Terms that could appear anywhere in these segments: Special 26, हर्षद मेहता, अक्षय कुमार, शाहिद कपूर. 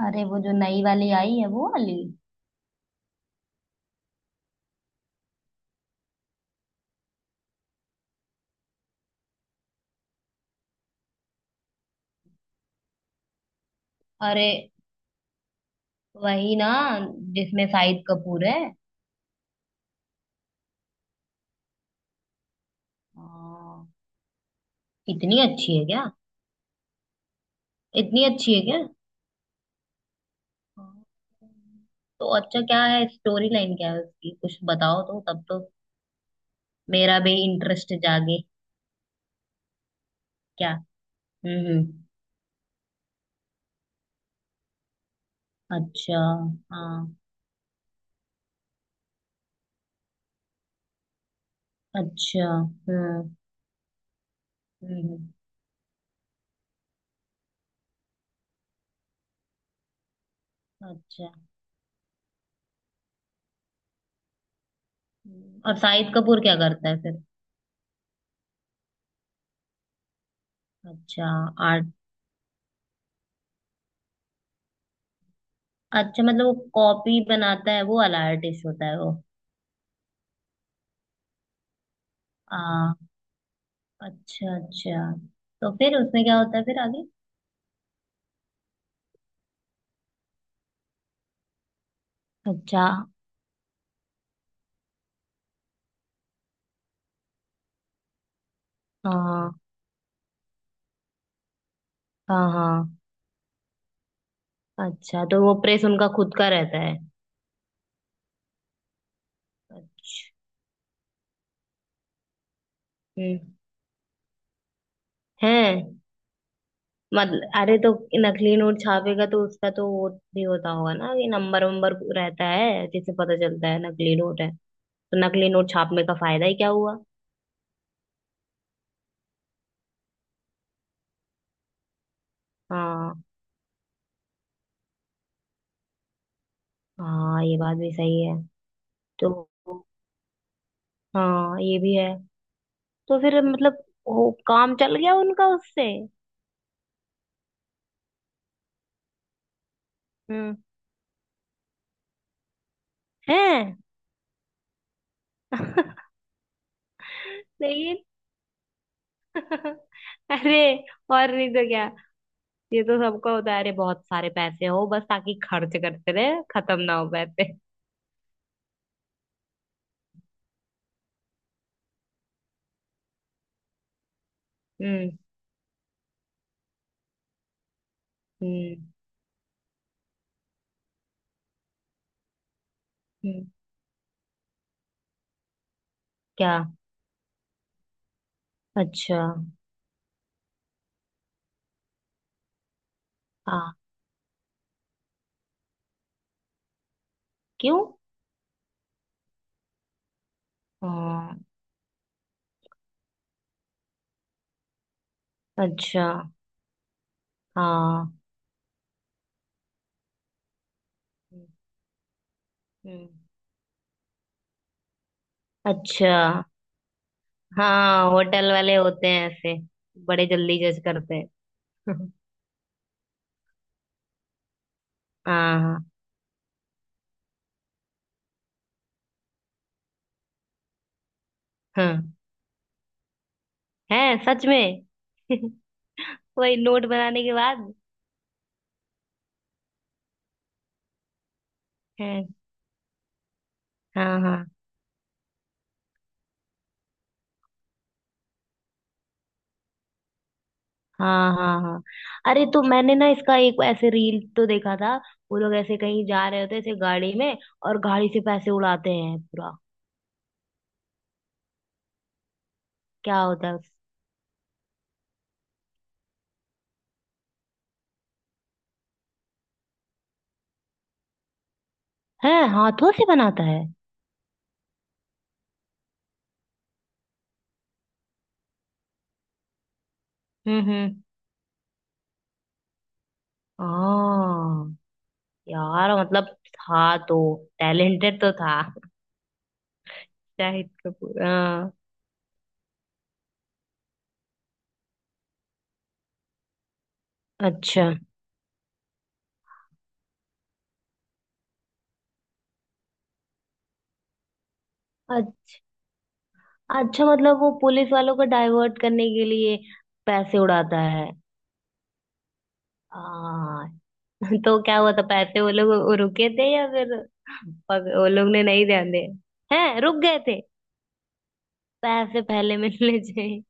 अरे वो जो नई वाली आई है, वो वाली। अरे वही ना, जिसमें शाहिद कपूर है। हाँ। इतनी अच्छी है क्या? इतनी अच्छी है क्या? हाँ। तो अच्छा, क्या है स्टोरी लाइन, क्या है उसकी, कुछ बताओ तो, तब तो मेरा भी इंटरेस्ट जागे। क्या? हम्म, हम्म। अच्छा। हाँ। अच्छा। हम्म, हम्म। अच्छा। अच्छा। और शाहिद कपूर क्या करता है फिर? अच्छा। आर्ट। अच्छा, मतलब वो कॉपी बनाता है, वो वाला आर्टिस्ट होता है। वो। अच्छा, अच्छा। तो फिर उसमें क्या होता है फिर आगे? अच्छा। हाँ, हाँ, हाँ। अच्छा, तो वो प्रेस उनका खुद का रहता है? अच्छा। हम्म। है। मतलब अरे तो नकली नोट छापेगा तो उसका तो वो भी होता होगा ना, कि नंबर वंबर रहता है जिससे पता चलता है नकली नोट है, तो नकली नोट छापने का फायदा ही क्या हुआ? हाँ। हाँ, ये बात भी सही है। तो हाँ, ये भी है। तो फिर मतलब वो काम चल गया उनका उससे? हम्म। है। लेकिन अरे, और नहीं तो क्या, ये तो सबका होता है, अरे बहुत सारे पैसे हो बस, ताकि खर्च करते रहे, खत्म ना हो पैसे। हम्म। हम्म। हम्म। क्या? अच्छा। हाँ। क्यों? हाँ। अच्छा। हाँ। हम्म। हम्म। अच्छा। हाँ, होटल वाले होते हैं ऐसे, बड़े जल्दी जज करते हैं। हाँ, हाँ, हाँ। है सच में। वही, नोट बनाने के बाद। है। हाँ, हाँ, हाँ, हाँ, हाँ। अरे तो मैंने ना इसका एक ऐसे रील तो देखा था, वो लोग ऐसे कहीं जा रहे होते हैं ऐसे गाड़ी में, और गाड़ी से पैसे उड़ाते हैं पूरा। क्या होता है हैं, हाथों से बनाता है? हम्म, हम्म। हाँ। यार, मतलब था तो टैलेंटेड तो था, शाहिद कपूर, हाँ। अच्छा। अ- अच्छा, मतलब वो पुलिस वालों को डाइवर्ट करने के लिए पैसे उड़ाता है। आ, तो क्या हुआ था, पैसे वो लोग रुके थे या फिर? वो लोग ने नहीं ध्यान दिया, हैं रुक गए थे? पैसे पहले मिलने चाहिए।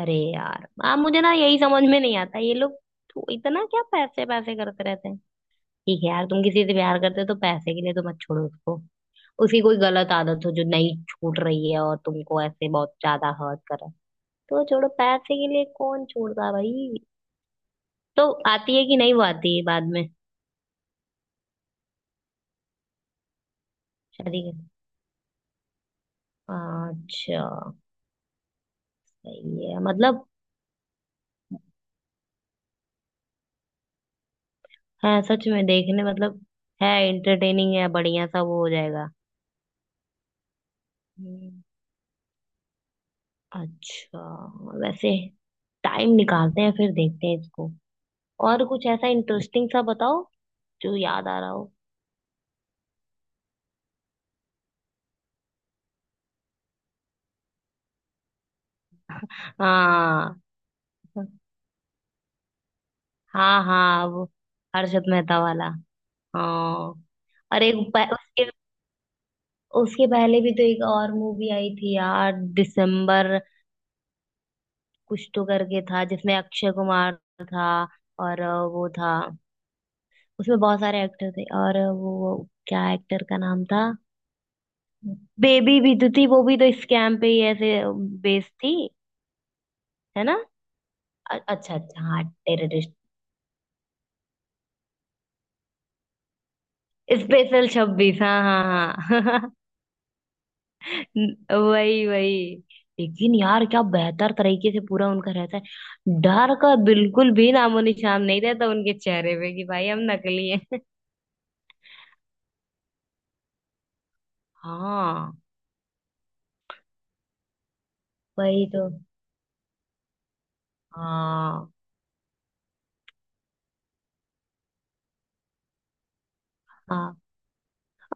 अरे यार मुझे ना यही समझ में नहीं आता, ये लोग तो इतना क्या पैसे पैसे करते रहते हैं। ठीक है यार, तुम किसी से प्यार करते हो तो पैसे के लिए तो मत छोड़ो उसको। उसकी कोई गलत आदत हो जो नहीं छूट रही है और तुमको ऐसे बहुत ज्यादा हर्ट कर रहा है तो छोड़ो, पैसे के लिए कौन छोड़ता है भाई। तो आती है कि नहीं, वो आती है बाद में? शादी के? अच्छा। सही है, मतलब है सच में देखने, मतलब है, एंटरटेनिंग है, बढ़िया सा वो हो जाएगा। हम्म। अच्छा। वैसे टाइम निकालते हैं फिर, देखते हैं इसको। और कुछ ऐसा इंटरेस्टिंग सा बताओ, जो याद आ रहा हो। हाँ, हाँ, हाँ। वो हर्षद मेहता वाला। हाँ। और एक उसके, उसके पहले भी तो एक और मूवी आई थी यार, दिसंबर, कुछ तो करके था, जिसमें अक्षय कुमार था। और वो था, उसमें बहुत सारे एक्टर थे, और वो क्या एक्टर का नाम था? बेबी भी तो थी, वो भी तो स्कैम पे ही ऐसे बेस्ड थी। है ना। अच्छा, अच्छा, हाँ टेररिस्ट। स्पेशल 26, हाँ, हाँ, हाँ। वही, वही, लेकिन यार क्या बेहतर तरीके से पूरा उनका रहता है, डर का बिल्कुल भी नामो निशान नहीं रहता उनके चेहरे पे कि भाई हम नकली हैं। हाँ। वही तो। हाँ। हाँ,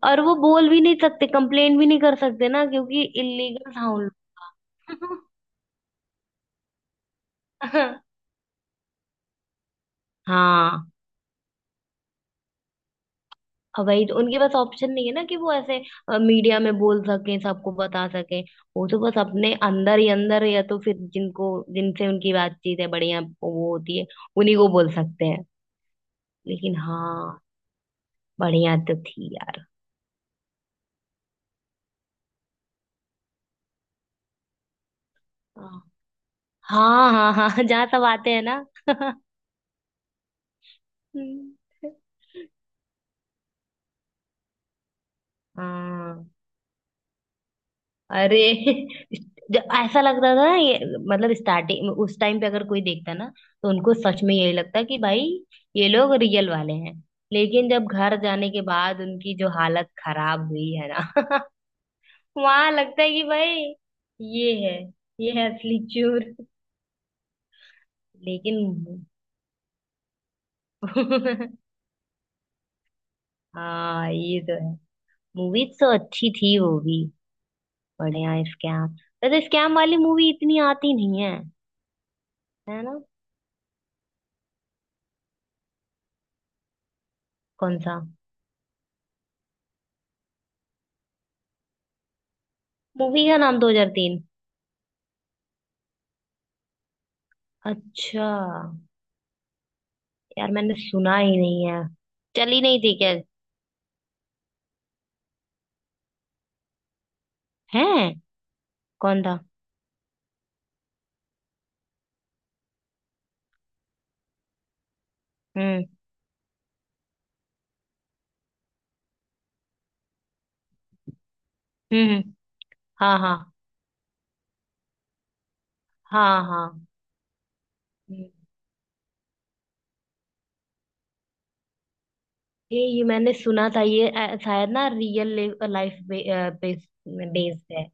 और वो बोल भी नहीं सकते, कंप्लेन भी नहीं कर सकते ना, क्योंकि इलीगल था उन लोग का। हाँ। अब वही तो, उनके पास ऑप्शन नहीं है ना कि वो ऐसे मीडिया में बोल सकें, सबको बता सकें। वो तो बस अपने अंदर ही अंदर, या तो फिर जिनको, जिनसे उनकी बातचीत है बढ़िया वो होती है, उन्हीं को बोल सकते हैं। लेकिन हाँ, बढ़िया तो थी यार। हाँ, हाँ, हाँ, हाँ, जहाँ सब आते हैं ना। हम्म। हाँ, अरे जो ऐसा लगता था ना ये, मतलब स्टार्टिंग उस टाइम पे अगर कोई देखता ना, तो उनको सच में यही लगता कि भाई ये लोग रियल वाले हैं। लेकिन जब घर जाने के बाद उनकी जो हालत खराब हुई है ना। वहां लगता है कि भाई ये है, ये है असली चोर। लेकिन हाँ, ये तो है। मूवीज तो अच्छी थी वो भी, बढ़िया स्कैम। वैसे स्कैम वाली मूवी इतनी आती नहीं है। है ना। कौन सा? मूवी का नाम 2003? अच्छा। यार मैंने सुना ही नहीं है। चली नहीं थी क्या? है। कौन था? हम्म, हम्म, हम्म। हाँ, हाँ, हाँ, हाँ। हम्म। ये मैंने सुना था, ये शायद ना, रियल लाइफ। बेस्ड है।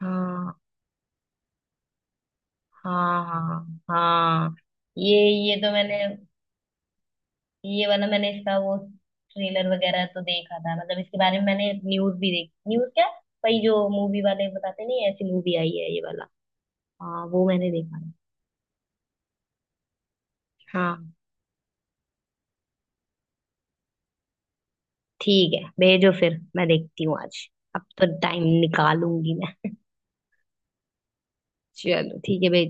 हाँ, हाँ, हाँ, हाँ। ये तो मैंने, ये वाला मैंने इसका वो ट्रेलर वगैरह तो देखा था, मतलब इसके बारे में मैंने न्यूज भी देखी, न्यूज क्या, वही जो मूवी वाले बताते नहीं, ऐसी मूवी आई है ये वाला। हाँ, वो मैंने देखा था। हाँ। ठीक है, भेजो फिर मैं देखती हूँ आज। अब तो टाइम निकालूंगी मैं। चलो ठीक है, भेजो।